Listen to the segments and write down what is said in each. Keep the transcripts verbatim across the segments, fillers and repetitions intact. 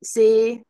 Sí,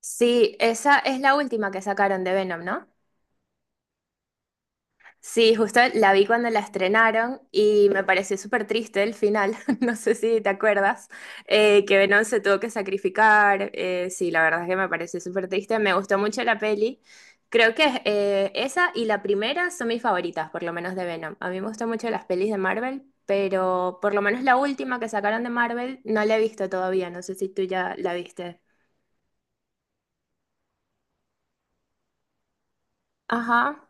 sí, esa es la última que sacaron de Venom, ¿no? Sí, justo la vi cuando la estrenaron y me pareció súper triste el final, no sé si te acuerdas, eh, que Venom se tuvo que sacrificar, eh, sí, la verdad es que me pareció súper triste, me gustó mucho la peli. Creo que eh, esa y la primera son mis favoritas, por lo menos de Venom. A mí me gustan mucho las pelis de Marvel, pero por lo menos la última que sacaron de Marvel no la he visto todavía, no sé si tú ya la viste. Ajá,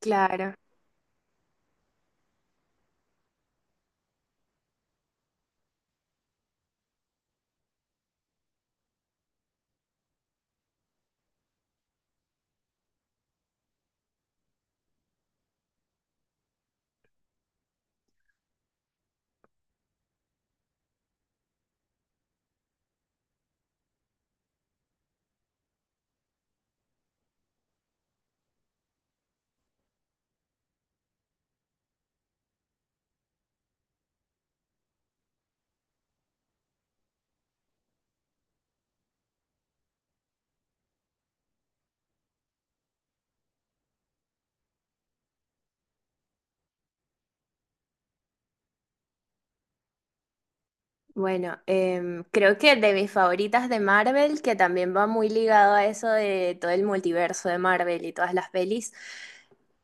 claro. Bueno, em, creo que de mis favoritas de Marvel, que también va muy ligado a eso de todo el multiverso de Marvel y todas las pelis,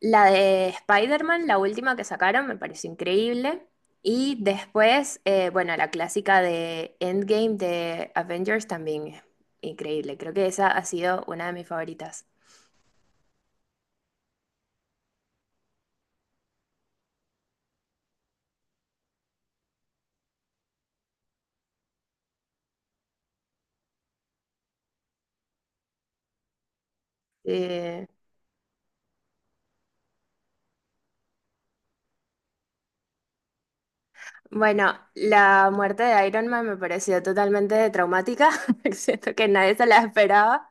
la de Spider-Man, la última que sacaron, me pareció increíble. Y después, eh, bueno, la clásica de Endgame de Avengers también es increíble. Creo que esa ha sido una de mis favoritas. Eh, bueno, la muerte de Iron Man me pareció totalmente traumática. Siento que nadie se la esperaba.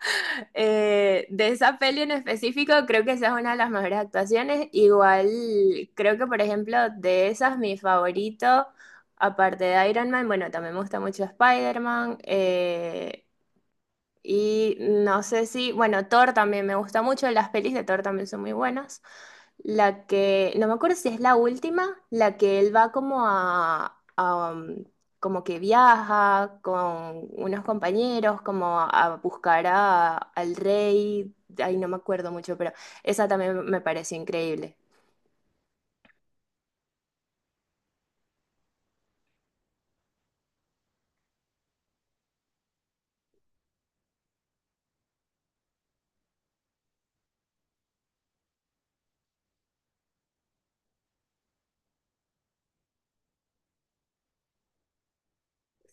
Eh, de esa peli en específico, creo que esa es una de las mejores actuaciones. Igual, creo que, por ejemplo, de esas, mi favorito, aparte de Iron Man, bueno, también me gusta mucho Spider-Man. Eh, y no sé si, bueno, Thor también me gusta mucho, las pelis de Thor también son muy buenas. La que, no me acuerdo si es la última, la que él va como a, a, um, como que viaja con unos compañeros, como a buscar a- al rey, ahí no me acuerdo mucho, pero esa también me pareció increíble.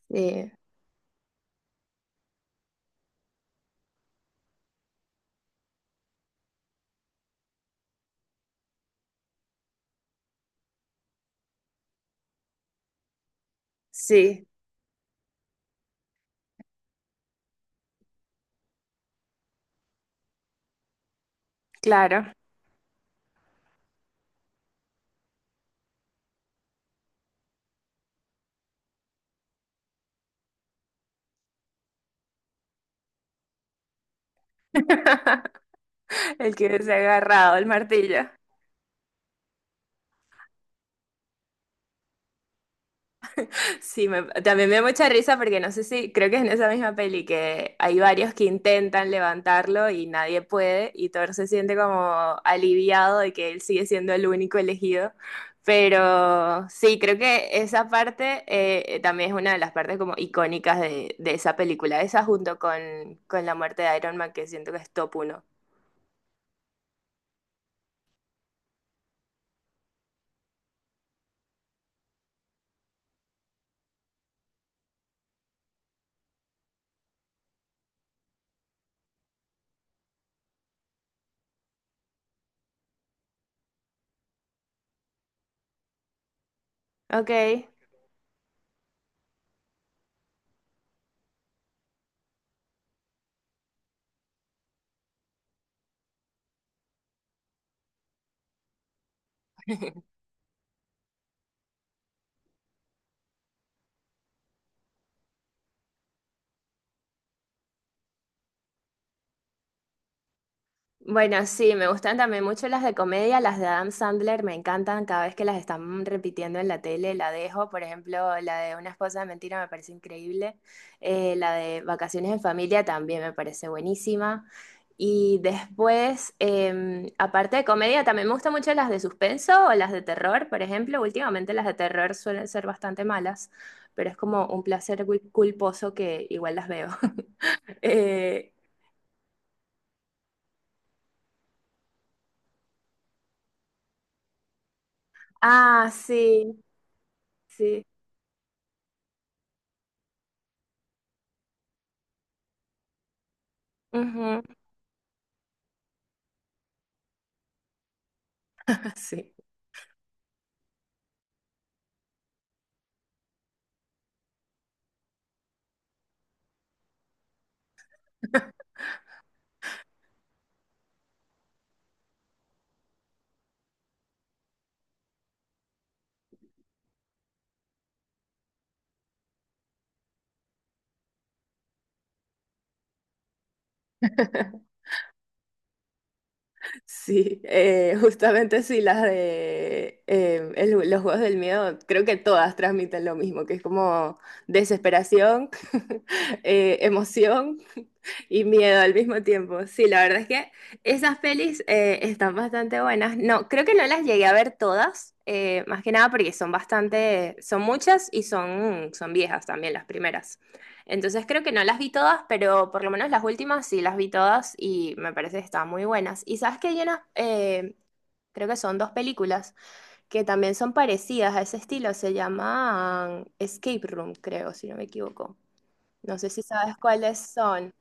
Sí, sí, claro, el que se ha agarrado el martillo. Sí, me- también me da mucha risa porque no sé si, creo que es en esa misma peli que hay varios que intentan levantarlo y nadie puede y Thor se siente como aliviado de que él sigue siendo el único elegido. Pero sí, creo que esa parte eh, también es una de las partes como icónicas de, de esa película, esa junto con, con la muerte de Iron Man que siento que es top uno. Ok. Bueno, sí, me gustan también mucho las de comedia, las de Adam Sandler, me encantan, cada vez que las están repitiendo en la tele la dejo. Por ejemplo, la de Una esposa de mentira me parece increíble, eh, la de Vacaciones en familia también me parece buenísima, y después, em, aparte de comedia, también me gustan mucho las de suspenso o las de terror. Por ejemplo, últimamente las de terror suelen ser bastante malas, pero es como un placer cul- culposo que igual las veo. Eh, ah, sí, sí. Ujú. Sí, sí, eh, justamente sí, las de eh, el- los juegos del miedo, creo que todas transmiten lo mismo, que es como desesperación, eh, emoción y miedo al mismo tiempo. Sí, la verdad es que esas pelis eh, están bastante buenas. No, creo que no las llegué a ver todas, eh, más que nada porque son bastante, son muchas y son, son viejas también las primeras. Entonces creo que no las vi todas, pero por lo menos las últimas sí las vi todas y me parece que están muy buenas. Y sabes que hay unas, eh, creo que son dos películas que también son parecidas a ese estilo, se llaman Escape Room, creo, si no me equivoco. No sé si sabes cuáles son.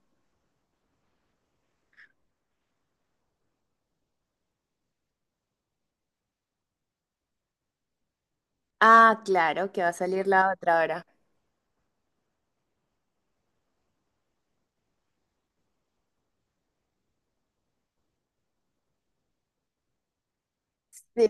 Ah, claro, que va a salir la otra ahora. Sí,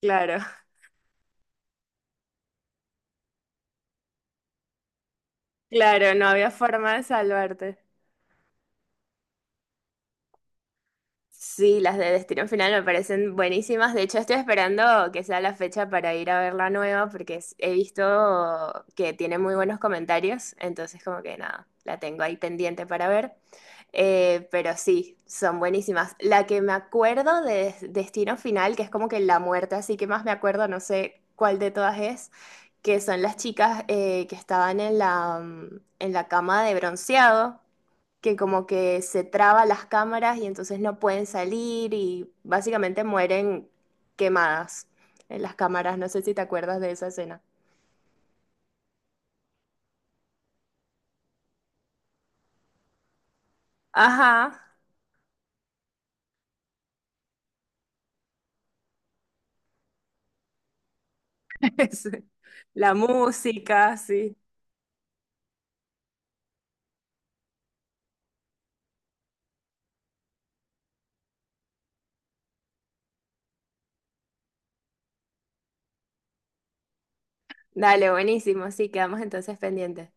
claro, claro, no había forma de salvarte. Sí, las de Destino Final me parecen buenísimas. De hecho, estoy esperando que sea la fecha para ir a ver la nueva porque es- he visto que tiene muy buenos comentarios. Entonces, como que nada, la tengo ahí pendiente para ver. Eh, pero sí, son buenísimas. La que me acuerdo de Des- Destino Final, que es como que la muerte, así que más me acuerdo, no sé cuál de todas es, que son las chicas eh, que estaban en la, mm, en la cama de bronceado que como que se traba las cámaras y entonces no pueden salir y básicamente mueren quemadas en las cámaras. No sé si te acuerdas de esa escena. Ajá, es- la música, sí. Dale, buenísimo. Sí, quedamos entonces pendientes.